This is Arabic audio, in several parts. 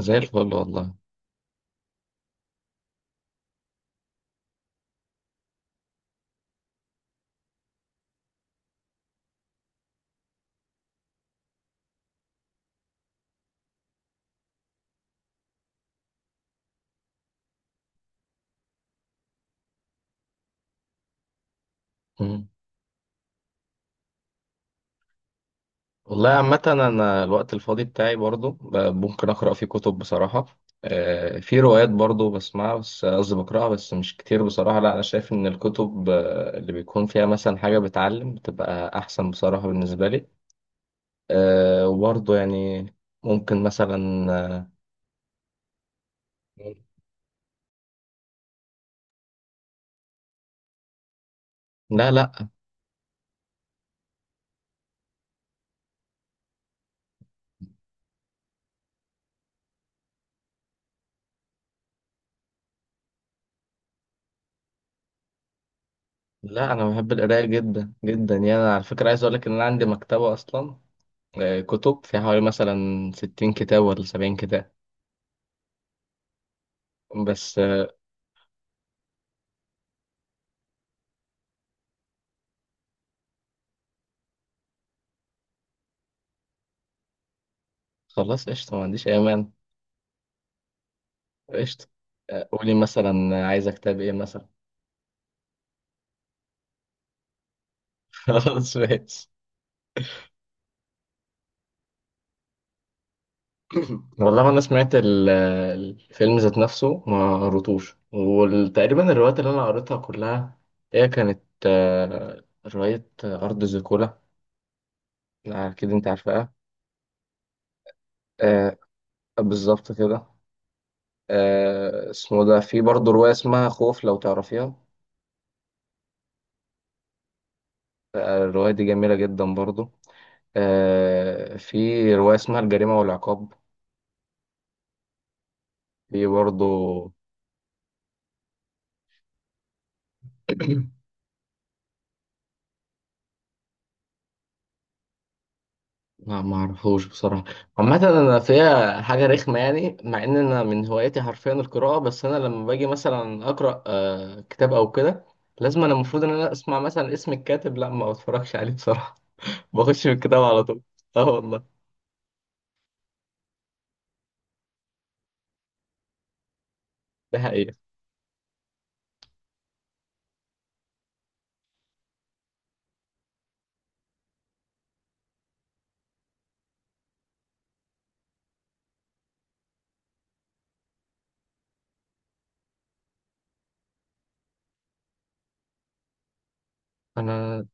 زي الفل والله. مم. والله عامة أنا الوقت الفاضي بتاعي برضو، ممكن أقرأ فيه كتب بصراحة. في روايات برضو بسمعها، بس قصدي بقرأها بس مش كتير بصراحة. لا، أنا شايف إن الكتب اللي بيكون فيها مثلا حاجة بتعلم بتبقى أحسن بصراحة بالنسبة لي. وبرضو يعني ممكن مثلا. آه، لا، لا، لا، أنا بحب القراية جدا جدا، يعني أنا على فكرة عايز أقول لك إن أنا عندي مكتبة أصلا. كتب فيها حوالي مثلا 60 كتاب ولا 70 كتاب بس. خلاص قشطة، ما عنديش أي مانع. قشطة. قولي مثلا عايزة كتاب إيه مثلا؟ خلاص ماشي. والله أنا سمعت الفيلم ذات نفسه ما قريتوش، وتقريبا الروايات اللي أنا قريتها كلها هي كانت رواية أرض زيكولا. أكيد أنت عارفها. آه، بالظبط كده. اسمه ده، في برضه رواية اسمها خوف لو تعرفيها. الرواية دي جميلة جدا برضه. في رواية اسمها الجريمة والعقاب. في برضه. لا، ما اعرفوش بصراحه. عامه انا فيها حاجه رخمه يعني، مع ان انا من هواياتي حرفيا القراءه، بس انا لما باجي مثلا اقرا كتاب او كده، لازم انا المفروض ان انا اسمع مثلا اسم الكاتب، لا ما بتفرجش عليه بصراحه. بخش في الكتاب على طول. اه والله. ده حقيقه. انا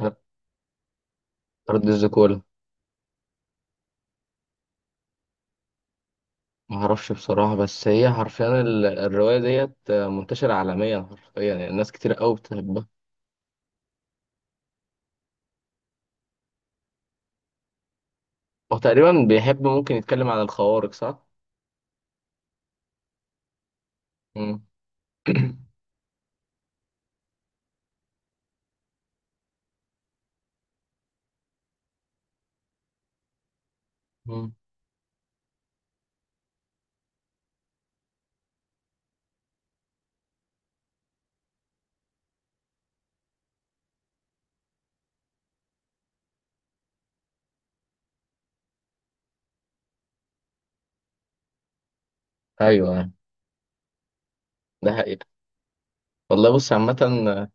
انا ارض الزيكولا، ما اعرفش بصراحه، بس هي حرفيا الروايه ديت منتشره عالميا حرفيا، يعني ناس كتير قوي بتحبها. هو تقريبا بيحب ممكن يتكلم عن الخوارق، صح؟ مم. مم. ايوه، ده حقيقة. والله بص عامة.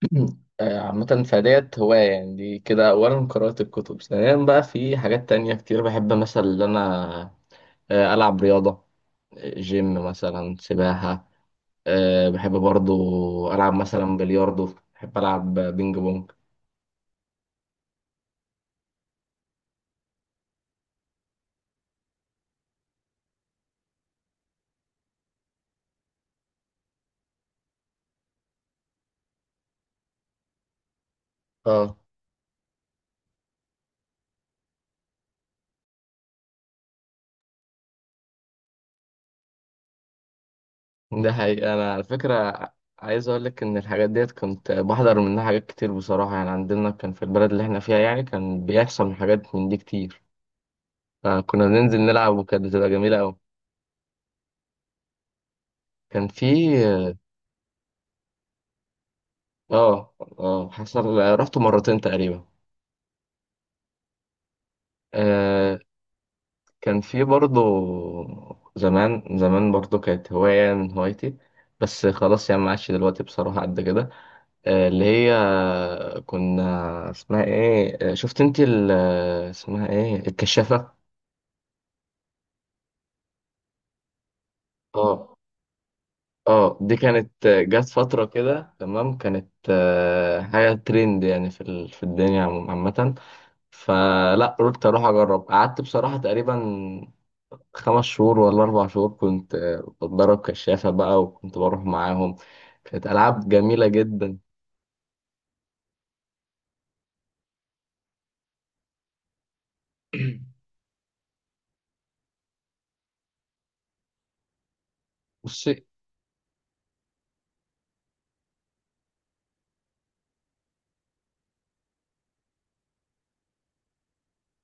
عامة فديت هواية يعني دي كده، أولا قراءة الكتب، ثانيا بقى في حاجات تانية كتير بحب مثلا إن أنا ألعب رياضة، جيم مثلا، سباحة. بحب برضو ألعب مثلا بلياردو، بحب ألعب بينج بونج. اه. ده حقيقة. أنا على فكرة عايز أقول لك إن الحاجات ديت كنت بحضر منها حاجات كتير بصراحة، يعني عندنا كان في البلد اللي إحنا فيها، يعني كان بيحصل حاجات من دي كتير، فكنا بننزل نلعب وكانت بتبقى جميلة أوي. كان في. اه، اه حصل رحت مرتين تقريبا. آه كان في برضه، زمان زمان برضه كانت هواية من هوايتي، بس خلاص يعني ما عادش دلوقتي بصراحة قد كده. اللي هي كنا، اسمها ايه، شفت انت اسمها ايه، الكشافة. اه، اه دي كانت، جت فترة كده، تمام، كانت حاجة ترند يعني في في الدنيا عامة. فلا، قلت اروح اجرب، قعدت بصراحه تقريبا 5 شهور ولا 4 شهور كنت بتدرب كشافه بقى، وكنت بروح معاهم. كانت العاب جميله جدا. بصي.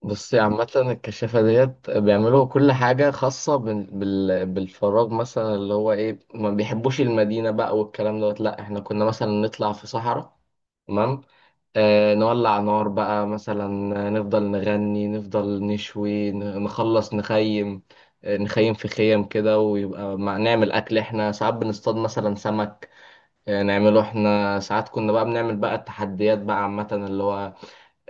بصي عامه الكشافه ديت بيعملوا كل حاجه خاصه بالفراغ، مثلا اللي هو ايه، ما بيحبوش المدينه بقى والكلام دوت. لا احنا كنا مثلا نطلع في صحراء، تمام، نولع نار بقى مثلا، نفضل نغني، نفضل نشوي، نخلص نخيم. نخيم في خيم كده، ويبقى مع نعمل أكل، احنا ساعات بنصطاد مثلا سمك، نعمله. احنا ساعات كنا بقى بنعمل بقى التحديات بقى عامة، اللي هو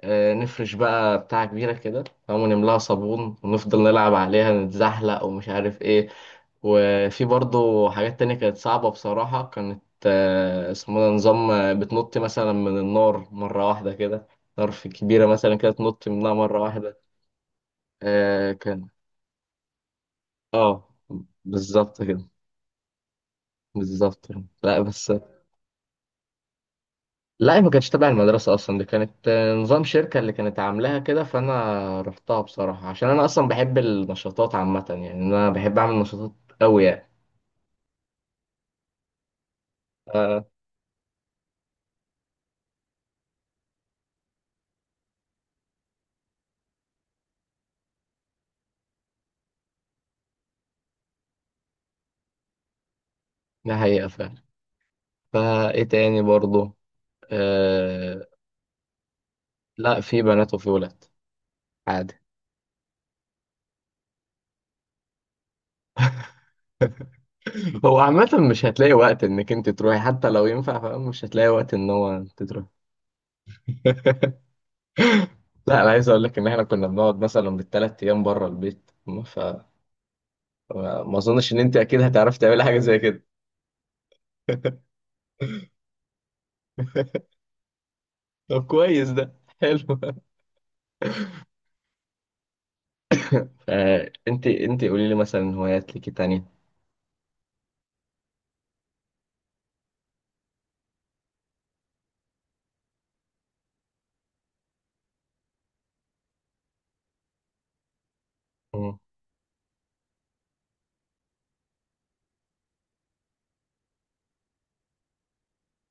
نفرش بقى بتاع كبيرة كده، تمام، ونملاها صابون ونفضل نلعب عليها، نتزحلق ومش عارف ايه. وفي برضه حاجات تانية كانت صعبة بصراحة، كانت اسمه ده نظام، بتنط مثلا من النار مرة واحدة كده، نار في كبيرة مثلا كده تنط منها مرة واحدة. كان. اه بالظبط كده. بالظبط كده. لا بس. لا، هي ما كانتش تبع المدرسة أصلا. دي كانت نظام شركة اللي كانت عاملاها كده، فأنا رحتها بصراحة عشان أنا أصلا بحب النشاطات عامة، يعني أنا بحب أعمل نشاطات أوي يعني. آه، ده حقيقة فعلا. فإيه تاني برضه؟ لا في بنات وفي ولاد، عادي. هو عامة مش هتلاقي وقت انك انت تروحي، حتى لو ينفع فاهم، مش هتلاقي وقت ان هو انت تروحي. لا، انا عايز اقول لك ان احنا كنا بنقعد مثلا بالثلاث ايام بره البيت، ف ما اظنش ان انت اكيد هتعرفي تعملي حاجة زي كده. طب كويس ده. حلو. انت قولي لي مثلا هوايات ليكي تانية؟ مم،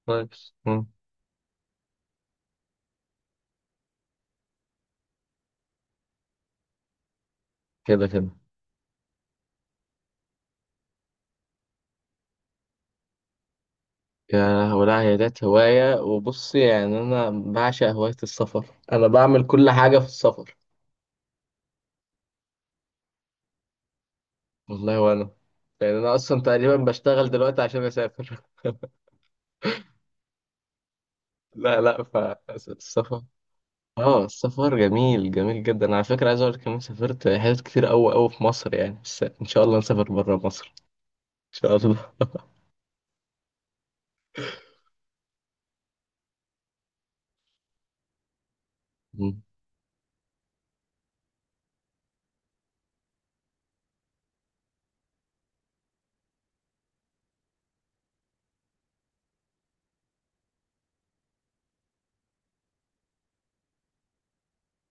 كويس. مم. كده كده. يا، ولا هي ديت هواية، وبصي يعني أنا بعشق هواية السفر. أنا بعمل كل حاجة في السفر. والله وانا، يعني انا اصلا تقريبا بشتغل دلوقتي عشان اسافر. لا، لا، فالسفر. اه السفر جميل جميل جدا، على فكرة عايز اقول لك كمان سافرت حتت كتير قوي قوي في مصر، يعني بس ان شاء الله نسافر بره مصر. ان شاء الله. مم.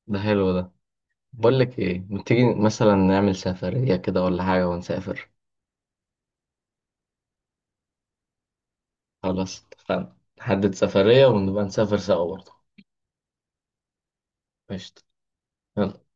ده حلو ده. بقول لك ايه، ما تيجي مثلا نعمل سفرية كده ولا حاجة ونسافر؟ خلاص اتفقنا، نحدد سفرية ونبقى نسافر سوا برضه. قشطة. يلا.